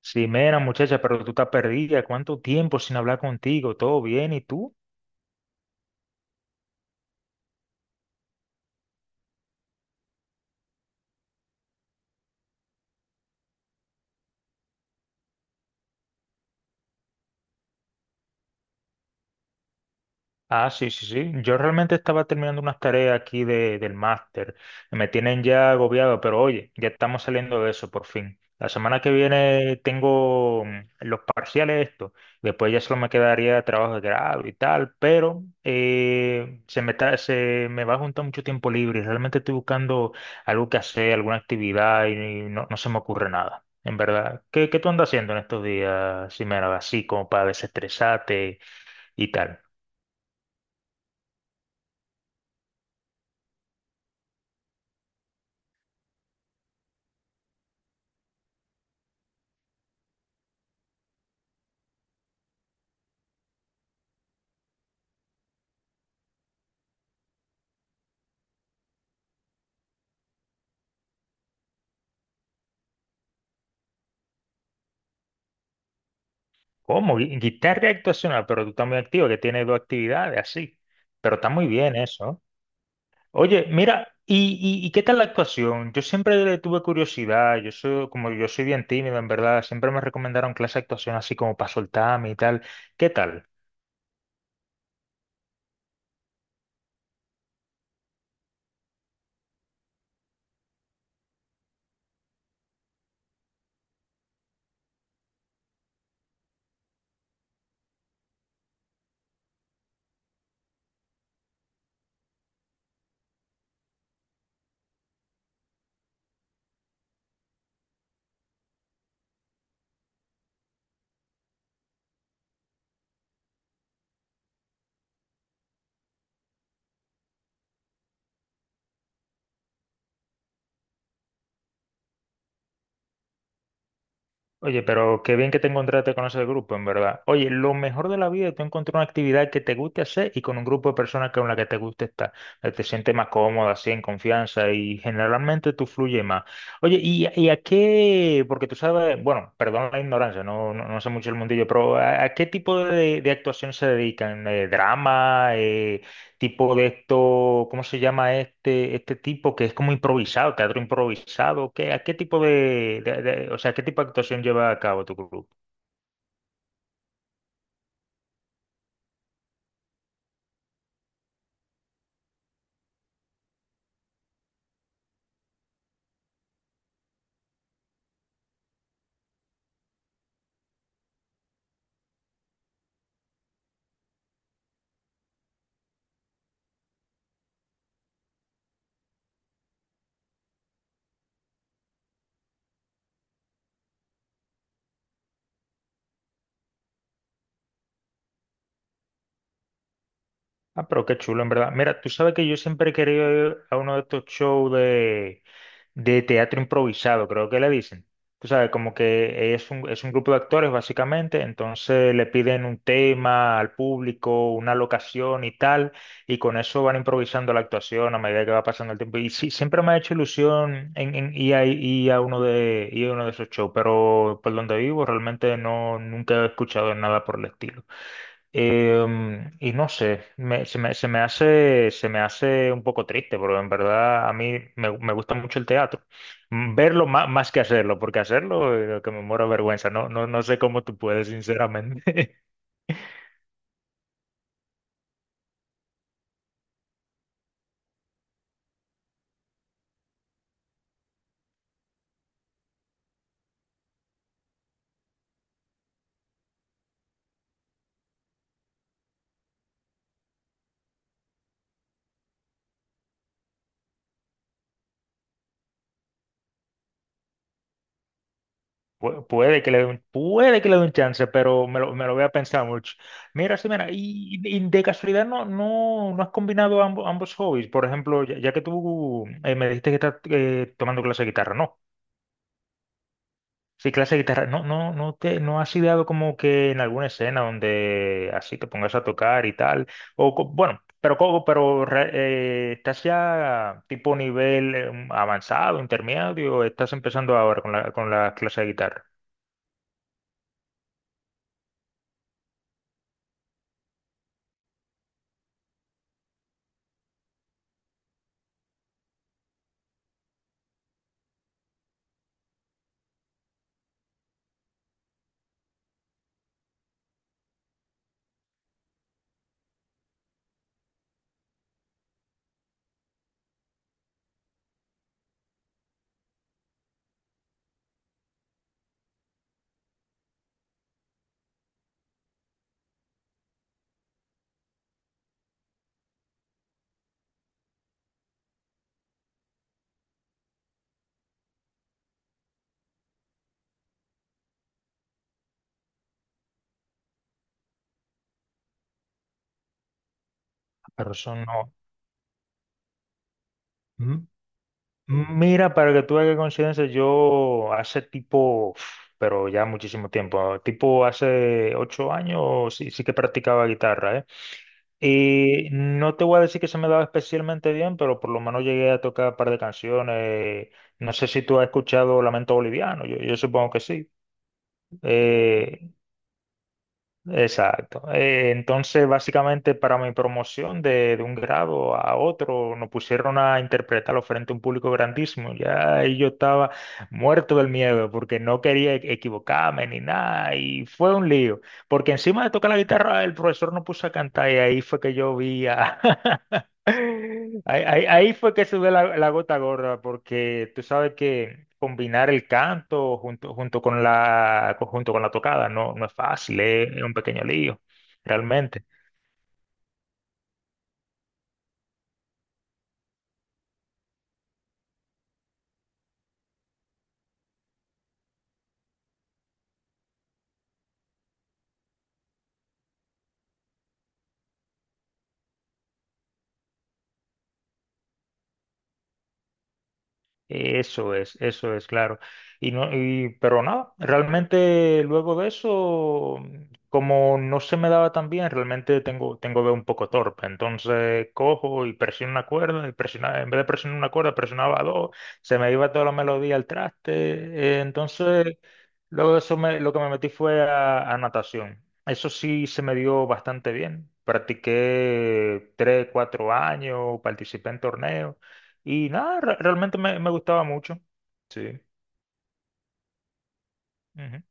Sí, mera, muchacha, pero tú estás perdida. ¿Cuánto tiempo sin hablar contigo? ¿Todo bien? ¿Y tú? Ah, sí, sí, sí. Yo realmente estaba terminando unas tareas aquí del máster. Me tienen ya agobiado, pero oye, ya estamos saliendo de eso por fin. La semana que viene tengo los parciales estos. Después ya solo me quedaría trabajo de grado y tal, pero se me va a juntar mucho tiempo libre. Realmente estoy buscando algo que hacer, alguna actividad no, no se me ocurre nada. En verdad, ¿ qué tú andas haciendo en estos días, Ximena? Así como para desestresarte y tal. ¿Cómo? Guitarra actuacional, pero tú estás muy activo, que tienes dos actividades así. Pero está muy bien eso. Oye, mira, ¿ y qué tal la actuación? Yo siempre le tuve curiosidad, yo soy bien tímido, en verdad, siempre me recomendaron clase de actuación así como para soltarme y tal. ¿Qué tal? Oye, pero qué bien que te encontraste con ese grupo, en verdad. Oye, lo mejor de la vida es tú encontrar una actividad que te guste hacer y con un grupo de personas con la que te guste estar. Te sientes más cómoda, así, en confianza y generalmente tú fluyes más. Oye, ¿y a qué? Porque tú sabes, bueno, perdón la ignorancia, no sé mucho el mundillo, pero ¿ a qué tipo de actuación se dedican? ¿Eh? ¿Drama? Tipo de esto, ¿cómo se llama este tipo que es como improvisado, teatro improvisado? ¿Qué, a qué tipo de- o sea, Qué tipo de actuación lleva a cabo tu grupo? Ah, pero qué chulo, en verdad. Mira, tú sabes que yo siempre he querido ir a uno de estos shows de teatro improvisado, creo que le dicen. Tú sabes, como que es un grupo de actores, básicamente, entonces le piden un tema al público, una locación y tal, y con eso van improvisando la actuación a medida que va pasando el tiempo. Y sí, siempre me ha hecho ilusión en ir a uno de esos shows, pero por donde vivo realmente no, nunca he escuchado nada por el estilo. Y no sé, me- se me, se me hace un poco triste, porque en verdad me gusta mucho el teatro. Verlo más, más que hacerlo, porque hacerlo lo que me muero de vergüenza. No, no, no sé cómo tú puedes, sinceramente. Puede que le dé un chance, pero me lo voy a pensar mucho. Mira, sí, mira, y de casualidad no has combinado ambos, ambos hobbies. Por ejemplo, ya que tú me dijiste que estás tomando clase de guitarra, ¿no? Sí, clase de guitarra. No has ideado como que en alguna escena donde así te pongas a tocar y tal. O co- bueno, pero como, pero re- Estás ya tipo nivel avanzado, intermedio, o estás empezando ahora con con la clase de guitarra. Pero eso no. M- Mira, para que tú hagas coincidencia, yo hace tipo, uf, pero ya muchísimo tiempo, tipo hace 8 años sí que practicaba guitarra, ¿eh? Y no te voy a decir que se me daba especialmente bien, pero por lo menos llegué a tocar un par de canciones. No sé si tú has escuchado Lamento Boliviano, yo supongo que sí. Eh, exacto. Entonces, básicamente para mi promoción de un grado a otro, nos pusieron a interpretarlo frente a un público grandísimo. Ya ahí yo estaba muerto del miedo porque no quería equivocarme ni nada y fue un lío. Porque encima de tocar la guitarra, el profesor nos puso a cantar y ahí fue que yo vi a... Ahí fue que sube la gota gorda, porque tú sabes que combinar el canto junto con la tocada no, no es fácil, es un pequeño lío, realmente. Eso es, claro. Y no, y, pero nada, realmente luego de eso, como no se me daba tan bien, realmente tengo dedo un poco torpe. Entonces cojo y presiono una cuerda, en vez de presionar una cuerda, presionaba dos, se me iba toda la melodía al traste. Entonces, luego de eso me- lo que me metí fue a natación. Eso sí se me dio bastante bien. Practiqué 3, 4 años, participé en torneos. Y nada, realmente me gustaba mucho. Sí. Ujú.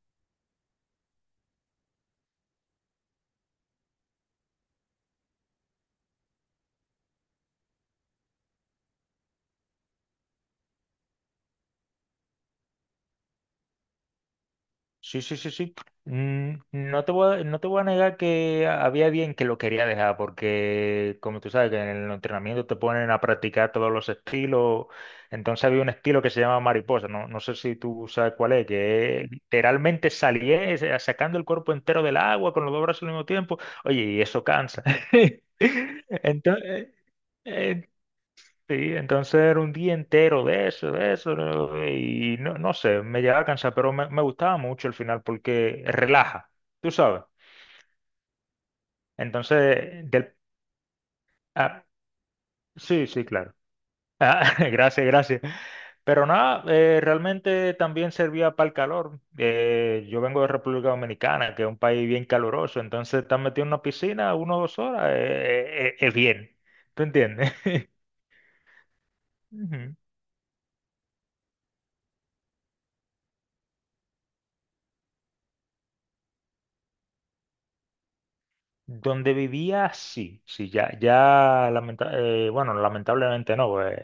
Sí, sí, sí, sí. No te voy a negar que había bien que lo quería dejar, porque como tú sabes que en el entrenamiento te ponen a practicar todos los estilos, entonces había un estilo que se llama mariposa, no, no sé si tú sabes cuál es, que es literalmente salir sacando el cuerpo entero del agua con los dos brazos al mismo tiempo. Oye, y eso cansa. Entonces, eh, Sí, entonces era un día entero de eso, ¿no? Y no sé, me llegaba a cansar, pero me gustaba mucho el final porque relaja, tú sabes. Entonces, del, ah, sí, sí, claro. Ah, gracias, gracias. Pero nada, realmente también servía para el calor. Yo vengo de República Dominicana, que es un país bien caluroso, entonces estar metido en una piscina 1 o 2 horas es bien, ¿tú entiendes? Donde vivía, sí, sí, lamentablemente no, pues,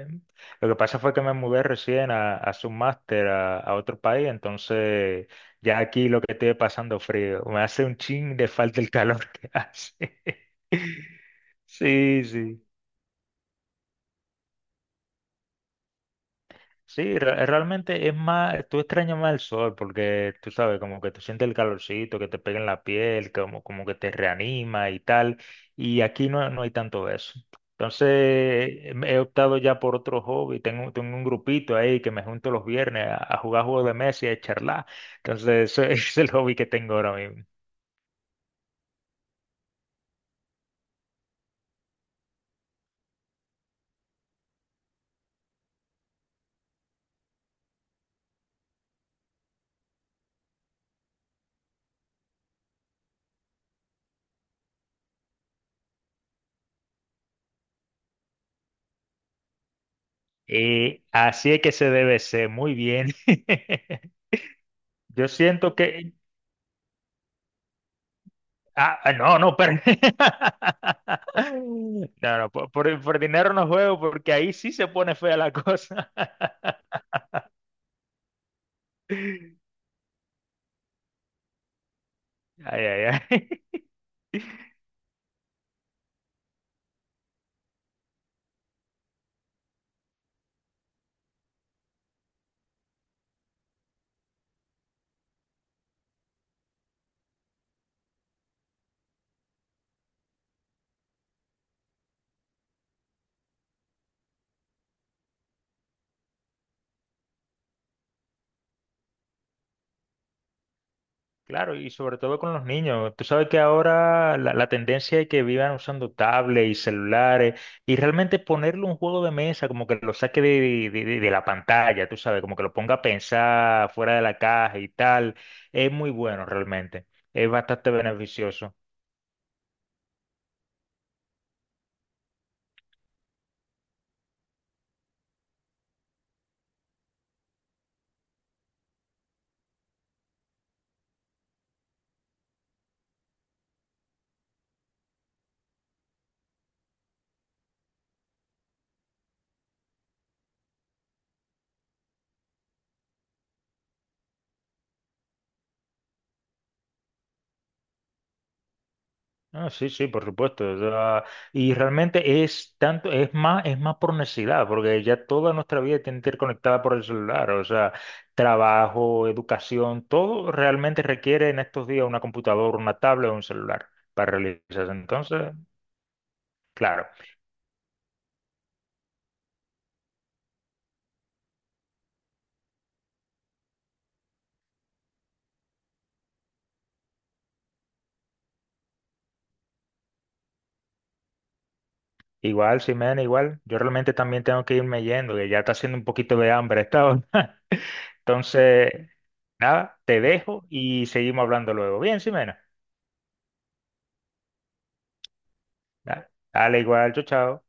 lo que pasa fue que me mudé recién a hacer un máster a otro país, entonces ya aquí lo que estoy pasando frío, me hace un chin de falta el calor que hace. Sí, sí. Sí, realmente es más, tú extrañas más el sol porque tú sabes, como que tú sientes el calorcito que te pega en la piel, como que te reanima y tal, y aquí no, no hay tanto eso. Entonces, he optado ya por otro hobby, tengo un grupito ahí que me junto los viernes a jugar juegos de mesa y a charlar, entonces ese es el hobby que tengo ahora mismo. Y así es que se debe ser, muy bien. Yo siento que, Ah, ah, no, no, pero... No, por dinero no juego porque ahí sí se pone fea la cosa. Ay, ay, ay. Claro, y sobre todo con los niños. Tú sabes que ahora la tendencia es que vivan usando tablets y celulares y realmente ponerle un juego de mesa como que lo saque de la pantalla, tú sabes, como que lo ponga a pensar fuera de la caja y tal, es muy bueno realmente. Es bastante beneficioso. Ah, sí, sí, por supuesto. O sea, y realmente es tanto, es más por necesidad, porque ya toda nuestra vida tiene que ir conectada por el celular. O sea, trabajo, educación, todo realmente requiere en estos días una computadora, una tablet o un celular para realizarse. Entonces, claro, igual, Ximena, igual, yo realmente también tengo que irme yendo, que ya está haciendo un poquito de hambre esta hora. Entonces, nada, te dejo y seguimos hablando luego. Bien, Ximena. Dale, igual, chao, chao.